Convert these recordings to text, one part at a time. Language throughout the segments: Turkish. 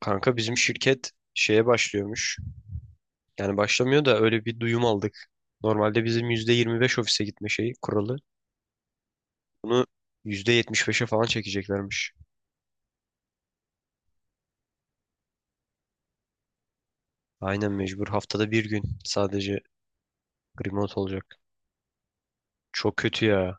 Kanka bizim şirket şeye başlıyormuş. Yani başlamıyor da öyle bir duyum aldık. Normalde bizim %25 ofise gitme şeyi kuralı. Bunu %75'e falan çekeceklermiş. Aynen mecbur. Haftada bir gün sadece remote olacak. Çok kötü ya.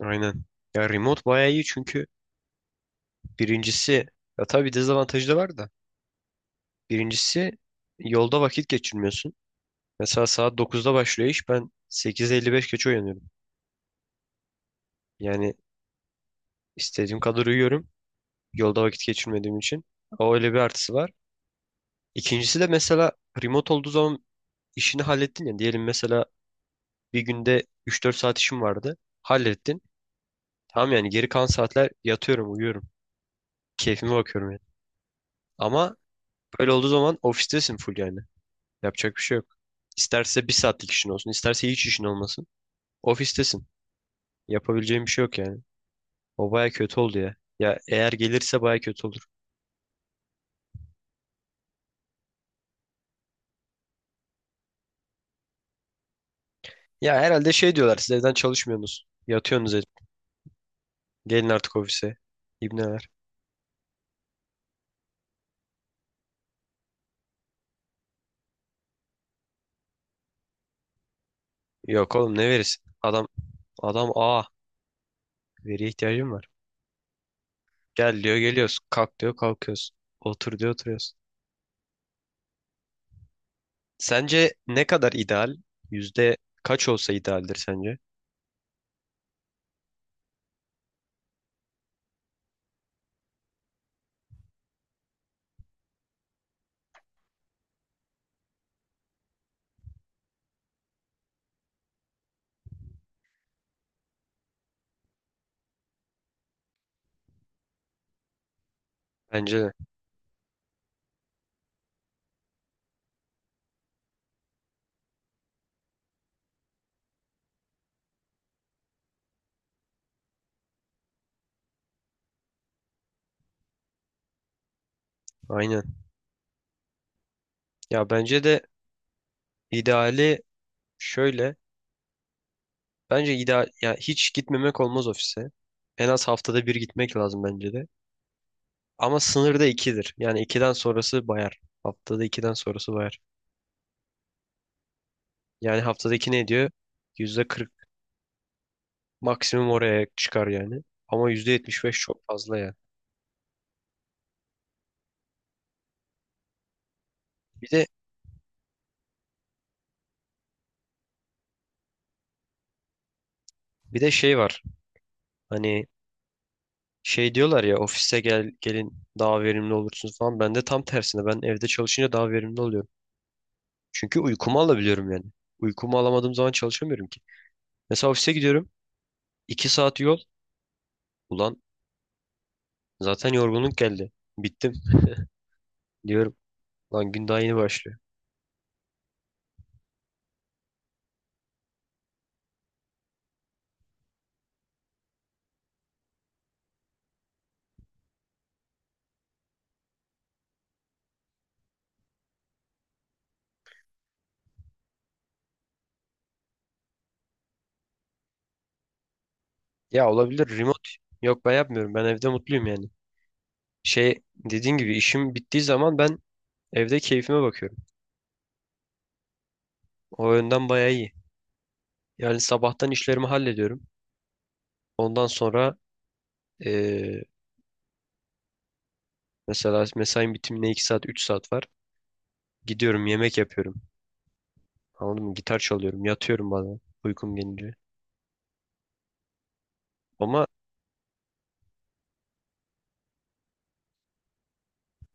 Aynen. Ya remote bayağı iyi çünkü birincisi ya tabii dezavantajı da var da. Birincisi yolda vakit geçirmiyorsun. Mesela saat 9'da başlıyor iş, ben 8:55 geç uyanıyorum. Yani istediğim kadar uyuyorum. Yolda vakit geçirmediğim için. O öyle bir artısı var. İkincisi de mesela remote olduğu zaman işini hallettin ya. Diyelim mesela bir günde 3-4 saat işim vardı. Hallettin. Tamam, yani geri kalan saatler yatıyorum, uyuyorum. Keyfime bakıyorum yani. Ama böyle olduğu zaman ofistesin full yani. Yapacak bir şey yok. İsterse bir saatlik işin olsun, isterse hiç işin olmasın. Ofistesin. Yapabileceğim bir şey yok yani. O baya kötü oldu ya. Ya eğer gelirse baya kötü olur. Ya herhalde şey diyorlar, siz evden çalışmıyorsunuz, yatıyorsunuz. Gelin artık ofise. İbneler. Yok oğlum, ne verirsin? Adam veriye ihtiyacım var. Gel diyor geliyoruz. Kalk diyor kalkıyoruz. Otur diyor oturuyoruz. Sence ne kadar ideal? Yüzde kaç olsa idealdir sence? Bence de. Aynen. Ya bence de ideali şöyle. Bence ideal, ya hiç gitmemek olmaz ofise. En az haftada bir gitmek lazım bence de. Ama sınırda ikidir. Yani ikiden sonrası bayar. Haftada ikiden sonrası bayar. Yani haftada iki ne ediyor? %40. Maksimum oraya çıkar yani. Ama %75 çok fazla yani. Bir de bir de şey var. Hani şey diyorlar ya, ofise gel, gelin daha verimli olursunuz falan. Ben de tam tersine, ben evde çalışınca daha verimli oluyorum. Çünkü uykumu alabiliyorum yani. Uykumu alamadığım zaman çalışamıyorum ki. Mesela ofise gidiyorum. 2 saat yol. Ulan zaten yorgunluk geldi. Bittim diyorum. Lan gün daha yeni başlıyor. Ya olabilir remote. Yok ben yapmıyorum. Ben evde mutluyum yani. Şey, dediğin gibi işim bittiği zaman ben evde keyfime bakıyorum. O yönden bayağı iyi. Yani sabahtan işlerimi hallediyorum. Ondan sonra eee, mesela mesain bitimine 2 saat 3 saat var. Gidiyorum yemek yapıyorum. Anladın mı? Gitar çalıyorum. Yatıyorum bazen uykum gelince. Ama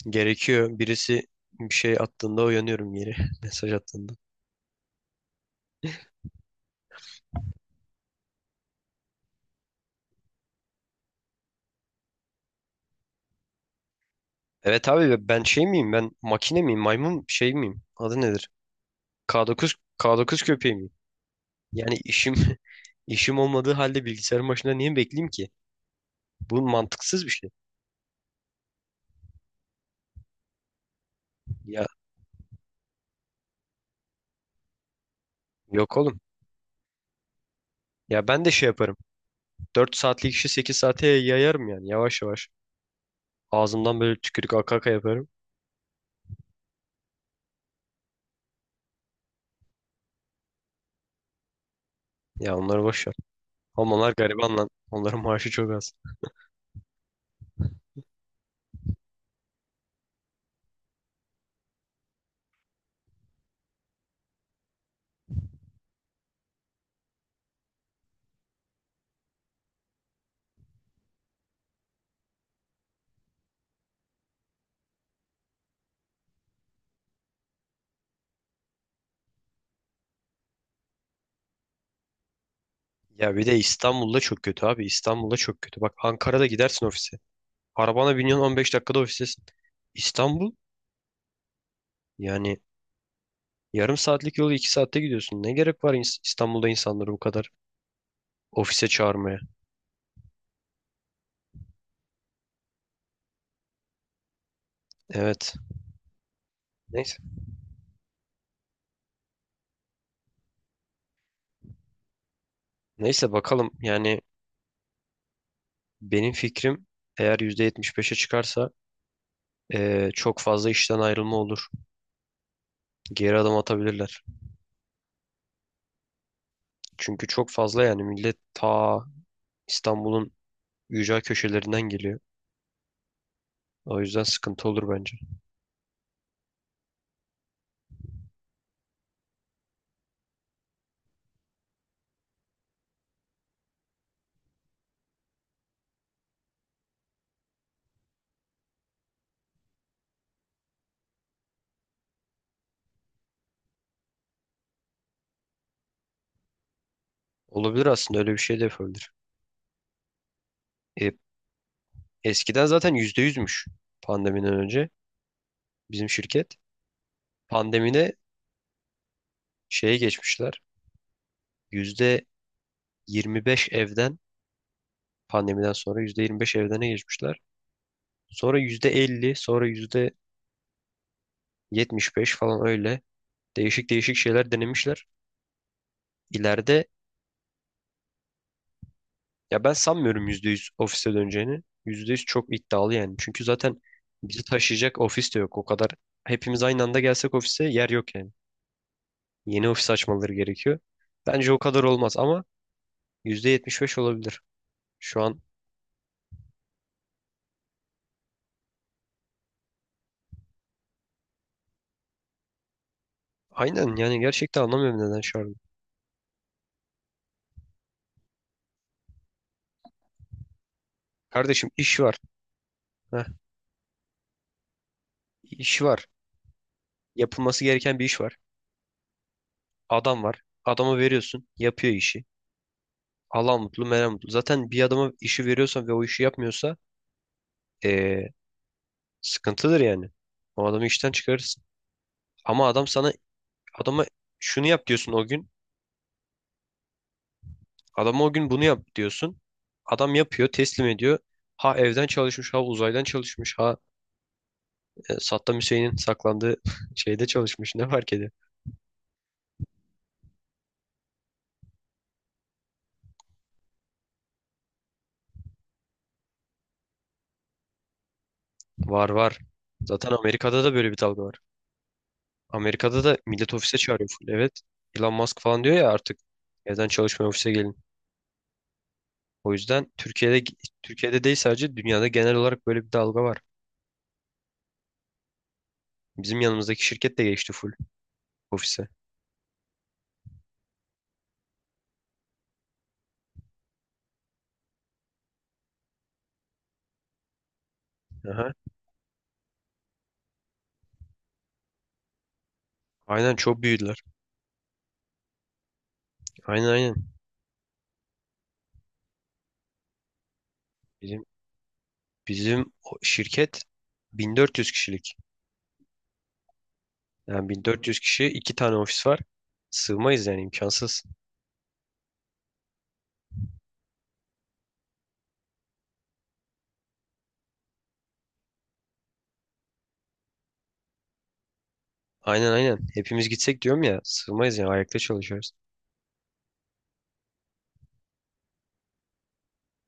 gerekiyor. Birisi bir şey attığında uyanıyorum yeri. Mesaj attığında. Evet abi, ben şey miyim? Ben makine miyim? Maymun şey miyim? Adı nedir? K9, K9 köpeği miyim? Yani işim işim olmadığı halde bilgisayarın başında niye bekleyeyim ki? Bu mantıksız bir şey. Ya yok oğlum. Ya ben de şey yaparım. 4 saatlik işi 8 saate yayarım yani, yavaş yavaş. Ağzımdan böyle tükürük aka aka yaparım. Ya onları boş ver. Ama onlar gariban lan. Onların maaşı çok az. Ya bir de İstanbul'da çok kötü abi. İstanbul'da çok kötü. Bak, Ankara'da gidersin ofise. Arabana biniyorsun, 15 dakikada ofistesin. İstanbul, yani yarım saatlik yolu 2 saatte gidiyorsun. Ne gerek var İstanbul'da insanları bu kadar ofise çağırmaya? Evet. Neyse. Neyse bakalım yani, benim fikrim, eğer %75'e çıkarsa çok fazla işten ayrılma olur. Geri adım atabilirler. Çünkü çok fazla, yani millet ta İstanbul'un ücra köşelerinden geliyor. O yüzden sıkıntı olur bence. Olabilir, aslında öyle bir şey de yapabilir. E, eskiden zaten %100'müş pandemiden önce bizim şirket. Pandemide şeye geçmişler. Yüzde. 25 evden, pandemiden sonra %25 evdene geçmişler. Sonra %50, sonra %75 falan, öyle değişik değişik şeyler denemişler. İleride, ya ben sanmıyorum %100 ofise döneceğini. %100 çok iddialı yani. Çünkü zaten bizi taşıyacak ofis de yok. O kadar hepimiz aynı anda gelsek ofise yer yok yani. Yeni ofis açmaları gerekiyor. Bence o kadar olmaz ama %75 olabilir. Şu an aynen, yani gerçekten anlamıyorum neden şu an. Kardeşim, iş var. Heh, iş var. Yapılması gereken bir iş var. Adam var. Adama veriyorsun. Yapıyor işi. Allah mutlu, Meryem mutlu. Zaten bir adama işi veriyorsan ve o işi yapmıyorsa eee, sıkıntıdır yani. O adamı işten çıkarırsın. Ama adama şunu yap diyorsun o gün. Adama o gün bunu yap diyorsun. Adam yapıyor, teslim ediyor. Ha evden çalışmış, ha uzaydan çalışmış, ha Saddam Hüseyin'in saklandığı şeyde çalışmış. Ne fark ediyor? Var var. Zaten Amerika'da da böyle bir dalga var. Amerika'da da millet ofise çağırıyor full. Evet. Elon Musk falan diyor ya, artık evden çalışmaya, ofise gelin. O yüzden Türkiye'de değil, sadece dünyada genel olarak böyle bir dalga var. Bizim yanımızdaki şirket de geçti full ofise. Aha. Aynen, çok büyüdüler. Aynen aynen. Bizim bizim o şirket 1400 kişilik. Yani 1400 kişi, iki tane ofis var. Sığmayız yani, imkansız. Aynen aynen. Hepimiz gitsek diyorum ya, sığmayız yani, ayakta çalışıyoruz.